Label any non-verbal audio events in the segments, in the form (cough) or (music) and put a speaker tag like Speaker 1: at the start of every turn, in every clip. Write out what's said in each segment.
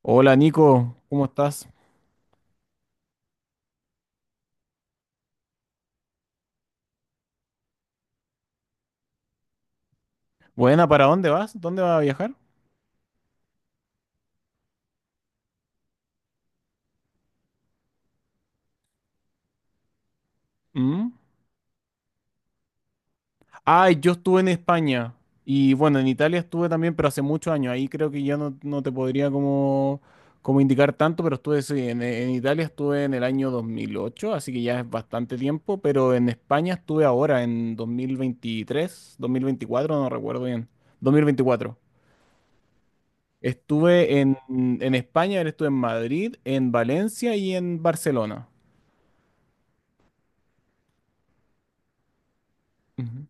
Speaker 1: Hola Nico, ¿cómo estás? Buena, ¿para dónde vas? ¿Dónde vas a viajar? ¿Mm? Ah, yo estuve en España y bueno, en Italia estuve también, pero hace muchos años. Ahí creo que ya no, no te podría como, como indicar tanto, pero estuve sí, en Italia estuve en el año 2008, así que ya es bastante tiempo, pero en España estuve ahora, en dos mil veintitrés, 2024, no recuerdo bien. 2024. Estuve en España, estuve en Madrid, en Valencia y en Barcelona. Ujú.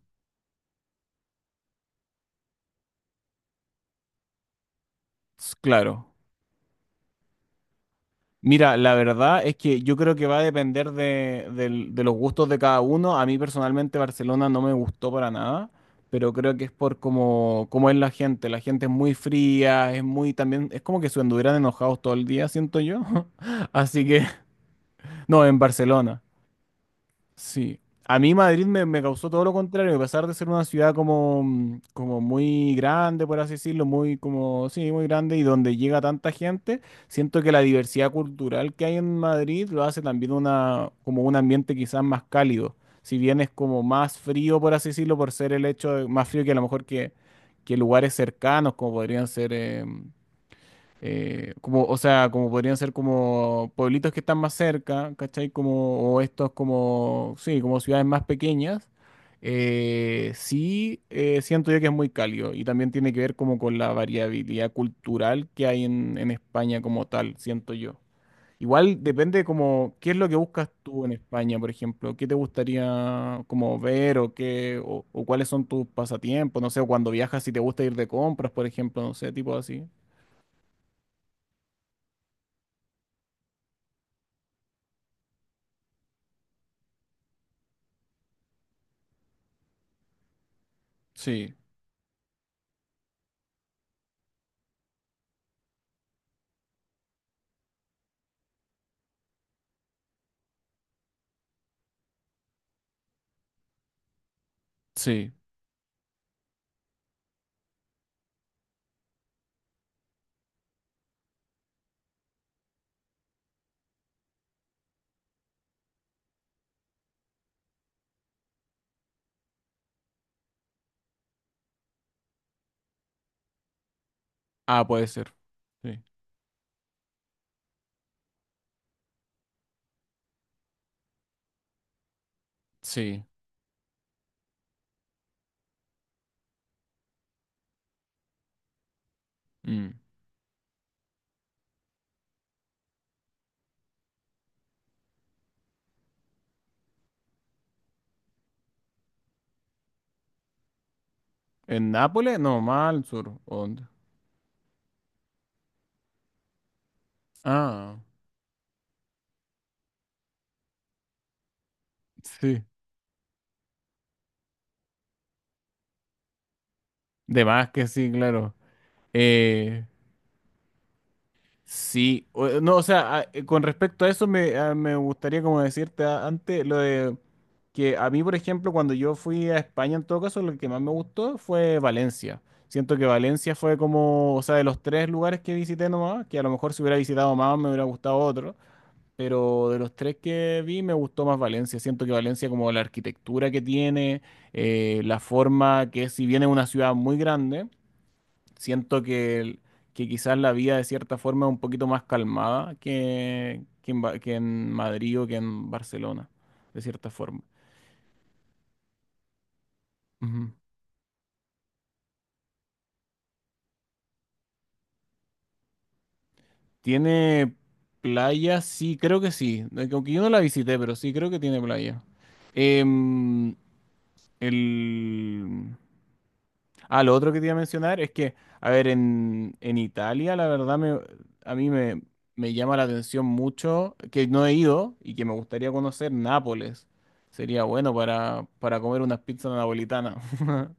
Speaker 1: Claro. Mira, la verdad es que yo creo que va a depender de los gustos de cada uno. A mí personalmente Barcelona no me gustó para nada, pero creo que es por cómo, cómo es la gente. La gente es muy fría, es muy también, es como que se anduvieran enojados todo el día, siento yo. (laughs) Así que, (laughs) no, en Barcelona. Sí. A mí Madrid me causó todo lo contrario, a pesar de ser una ciudad como, como muy grande, por así decirlo, muy como, sí, muy grande y donde llega tanta gente, siento que la diversidad cultural que hay en Madrid lo hace también una, como un ambiente quizás más cálido. Si bien es como más frío, por así decirlo, por ser el más frío que a lo mejor que lugares cercanos, como podrían ser, como, o sea, como podrían ser como pueblitos que están más cerca, ¿cachai? Como, o estos como, sí, como ciudades más pequeñas, sí siento yo que es muy cálido y también tiene que ver como con la variabilidad cultural que hay en España como tal, siento yo. Igual depende como, ¿qué es lo que buscas tú en España, por ejemplo? ¿Qué te gustaría como ver o qué, o cuáles son tus pasatiempos? No sé, o cuando viajas si te gusta ir de compras, por ejemplo, no sé, tipo así. Sí. Sí. Ah, puede ser. Sí. Sí. Mm. ¿En Nápoles? No, más al sur. ¿O dónde? Ah, sí. De más que sí, claro. Eh, sí. No, o sea, con respecto a eso me gustaría como decirte antes lo de que a mí, por ejemplo, cuando yo fui a España, en todo caso, lo que más me gustó fue Valencia. Siento que Valencia fue como, o sea, de los tres lugares que visité nomás, que a lo mejor si hubiera visitado más me hubiera gustado otro. Pero de los tres que vi me gustó más Valencia. Siento que Valencia, como la arquitectura que tiene, la forma que es, si bien es una ciudad muy grande, siento que quizás la vida de cierta forma es un poquito más calmada que, que en Madrid o que en Barcelona, de cierta forma. Ujú. ¿Tiene playa? Sí, creo que sí. Aunque yo no la visité, pero sí creo que tiene playa. Em, el... Ah, lo otro que te iba a mencionar es que, a ver, en Italia, la verdad, a mí me llama la atención mucho que no he ido y que me gustaría conocer Nápoles. Sería bueno para comer unas pizzas napolitanas. (laughs)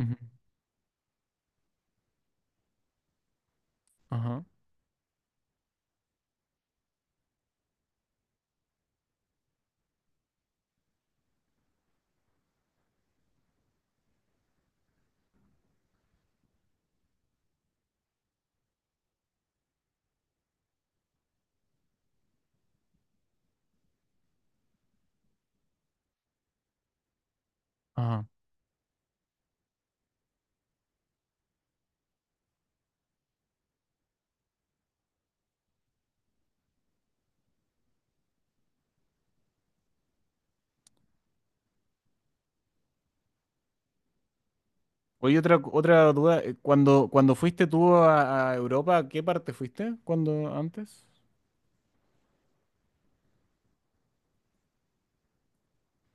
Speaker 1: Ujú. Ajá, ajá. Oye, otra, otra duda. Cuando cuando fuiste tú a Europa, ¿a qué parte fuiste cuando antes?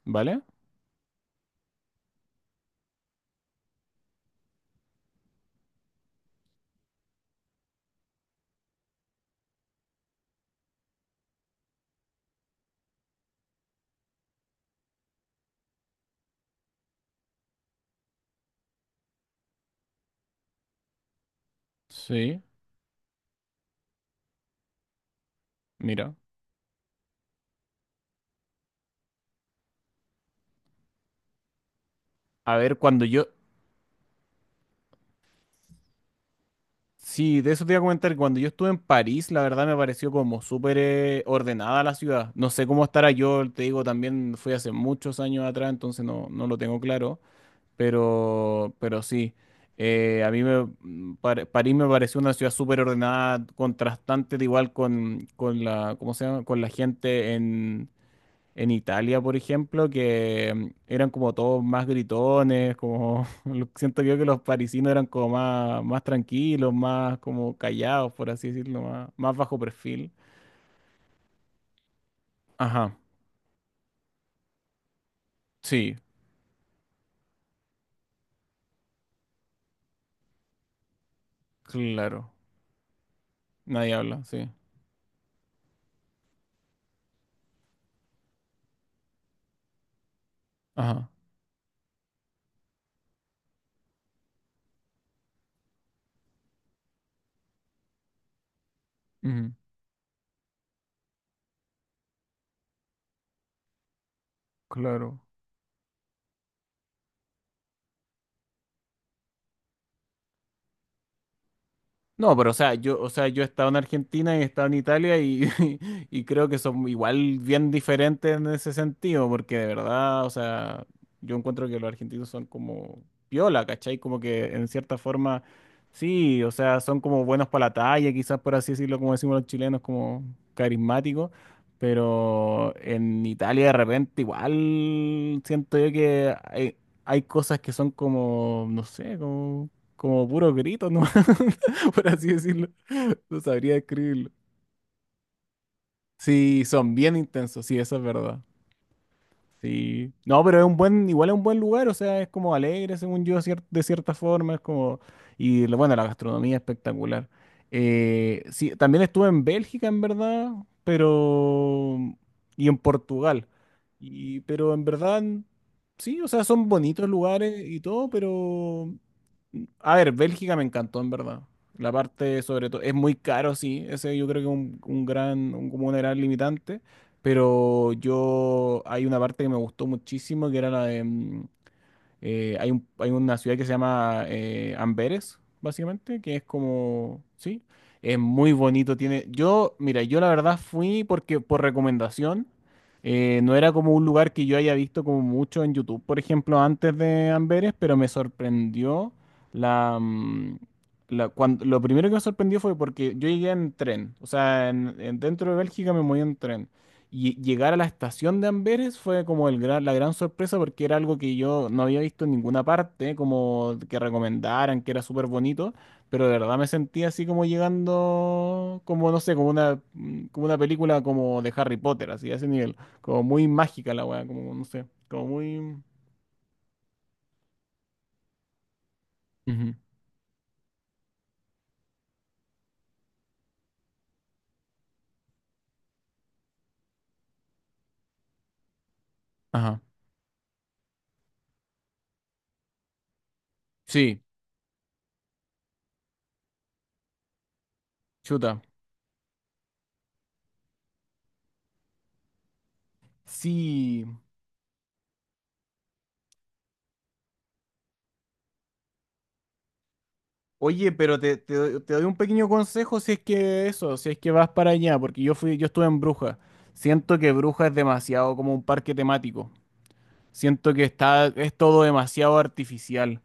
Speaker 1: ¿Vale? Sí, mira. A ver, sí, de eso te iba a comentar. Cuando yo estuve en París, la verdad me pareció como súper ordenada la ciudad. No sé cómo estará yo, te digo, también fui hace muchos años atrás, entonces no, no lo tengo claro. Pero sí, a mí París me pareció una ciudad súper ordenada, contrastante, de igual con la, ¿cómo se llama? Con la gente en Italia, por ejemplo, que eran como todos más gritones, como (laughs) siento yo que los parisinos eran como más, más tranquilos, más como callados, por así decirlo, más, más bajo perfil. Ajá, sí, claro. Nadie habla, sí. Ajá, ujú, claro. No, pero o sea, yo he estado en Argentina y he estado en Italia y, (laughs) y creo que son igual bien diferentes en ese sentido, porque de verdad, o sea, yo encuentro que los argentinos son como piola, ¿cachai? Como que en cierta forma, sí, o sea, son como buenos para la talla, quizás por así decirlo, como decimos los chilenos, como carismáticos, pero en Italia de repente igual siento yo que hay cosas que son como, no sé, como, como puro grito, ¿no? (laughs) (laughs) por así decirlo. No sabría describirlo. Sí, son bien intensos, sí, eso es verdad. Sí. No, pero es un buen, igual es un buen lugar, o sea, es como alegre, según yo, de cierta forma, es como, y bueno, la gastronomía es espectacular. Sí, también estuve en Bélgica, en verdad, pero, y en Portugal, y, pero en verdad, sí, o sea, son bonitos lugares y todo, pero, a ver, Bélgica me encantó, en verdad. La parte, sobre todo, es muy caro, sí, ese yo creo que es un gran, como un gran limitante, pero yo hay una parte que me gustó muchísimo, que era la de... hay hay una ciudad que se llama Amberes, básicamente, que es como... Sí, es muy bonito, tiene... Yo, mira, yo la verdad fui porque por recomendación, no era como un lugar que yo haya visto como mucho en YouTube, por ejemplo, antes de Amberes, pero me sorprendió la... mm, lo primero que me sorprendió fue porque yo llegué en tren, o sea, dentro de Bélgica me moví en tren. Y llegar a la estación de Amberes fue como el la gran sorpresa porque era algo que yo no había visto en ninguna parte, como que recomendaran, que era súper bonito, pero de verdad me sentí así como llegando, como no sé, como una película como de Harry Potter, así, a ese nivel, como muy mágica la weá, como no sé, como muy... Ujú. Ajá. Sí, chuta. Sí. Oye, pero te, te doy un pequeño consejo si es que eso, si es que vas para allá, porque yo fui, yo estuve en Bruja. Siento que Bruja es demasiado como un parque temático. Siento que está, es todo demasiado artificial.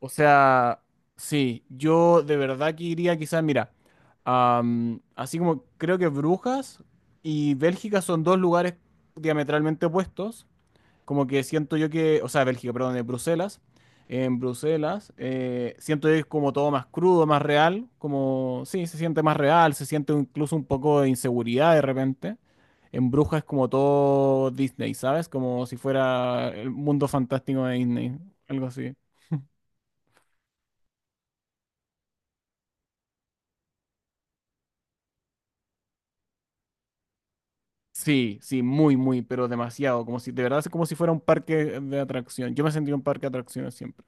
Speaker 1: O sea, sí, yo de verdad que iría quizás, mira, am, así como creo que Brujas y Bélgica son dos lugares diametralmente opuestos. Como que siento yo que, o sea, Bélgica, perdón, en Bruselas. En Bruselas, siento yo que es como todo más crudo, más real, como, sí, se siente más real, se siente incluso un poco de inseguridad de repente. En Brujas es como todo Disney, ¿sabes? Como si fuera el mundo fantástico de Disney, algo así. Sí, sí, muy, muy, pero demasiado, como si, de verdad, es como si fuera un parque de atracción. Yo me sentí un parque de atracciones siempre.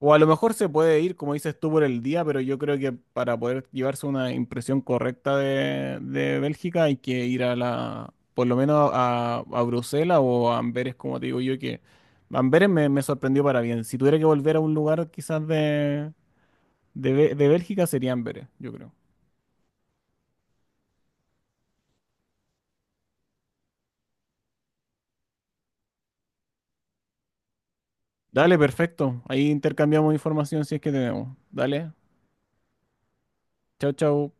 Speaker 1: O a lo mejor se puede ir, como dices tú, por el día, pero yo creo que para poder llevarse una impresión correcta de Bélgica hay que ir a la, por lo menos a Bruselas o a Amberes, como te digo yo, que Amberes me sorprendió para bien. Si tuviera que volver a un lugar quizás de, de Bélgica sería Amberes, yo creo. Dale, perfecto. Ahí intercambiamos información si es que tenemos. Dale, chao, chao.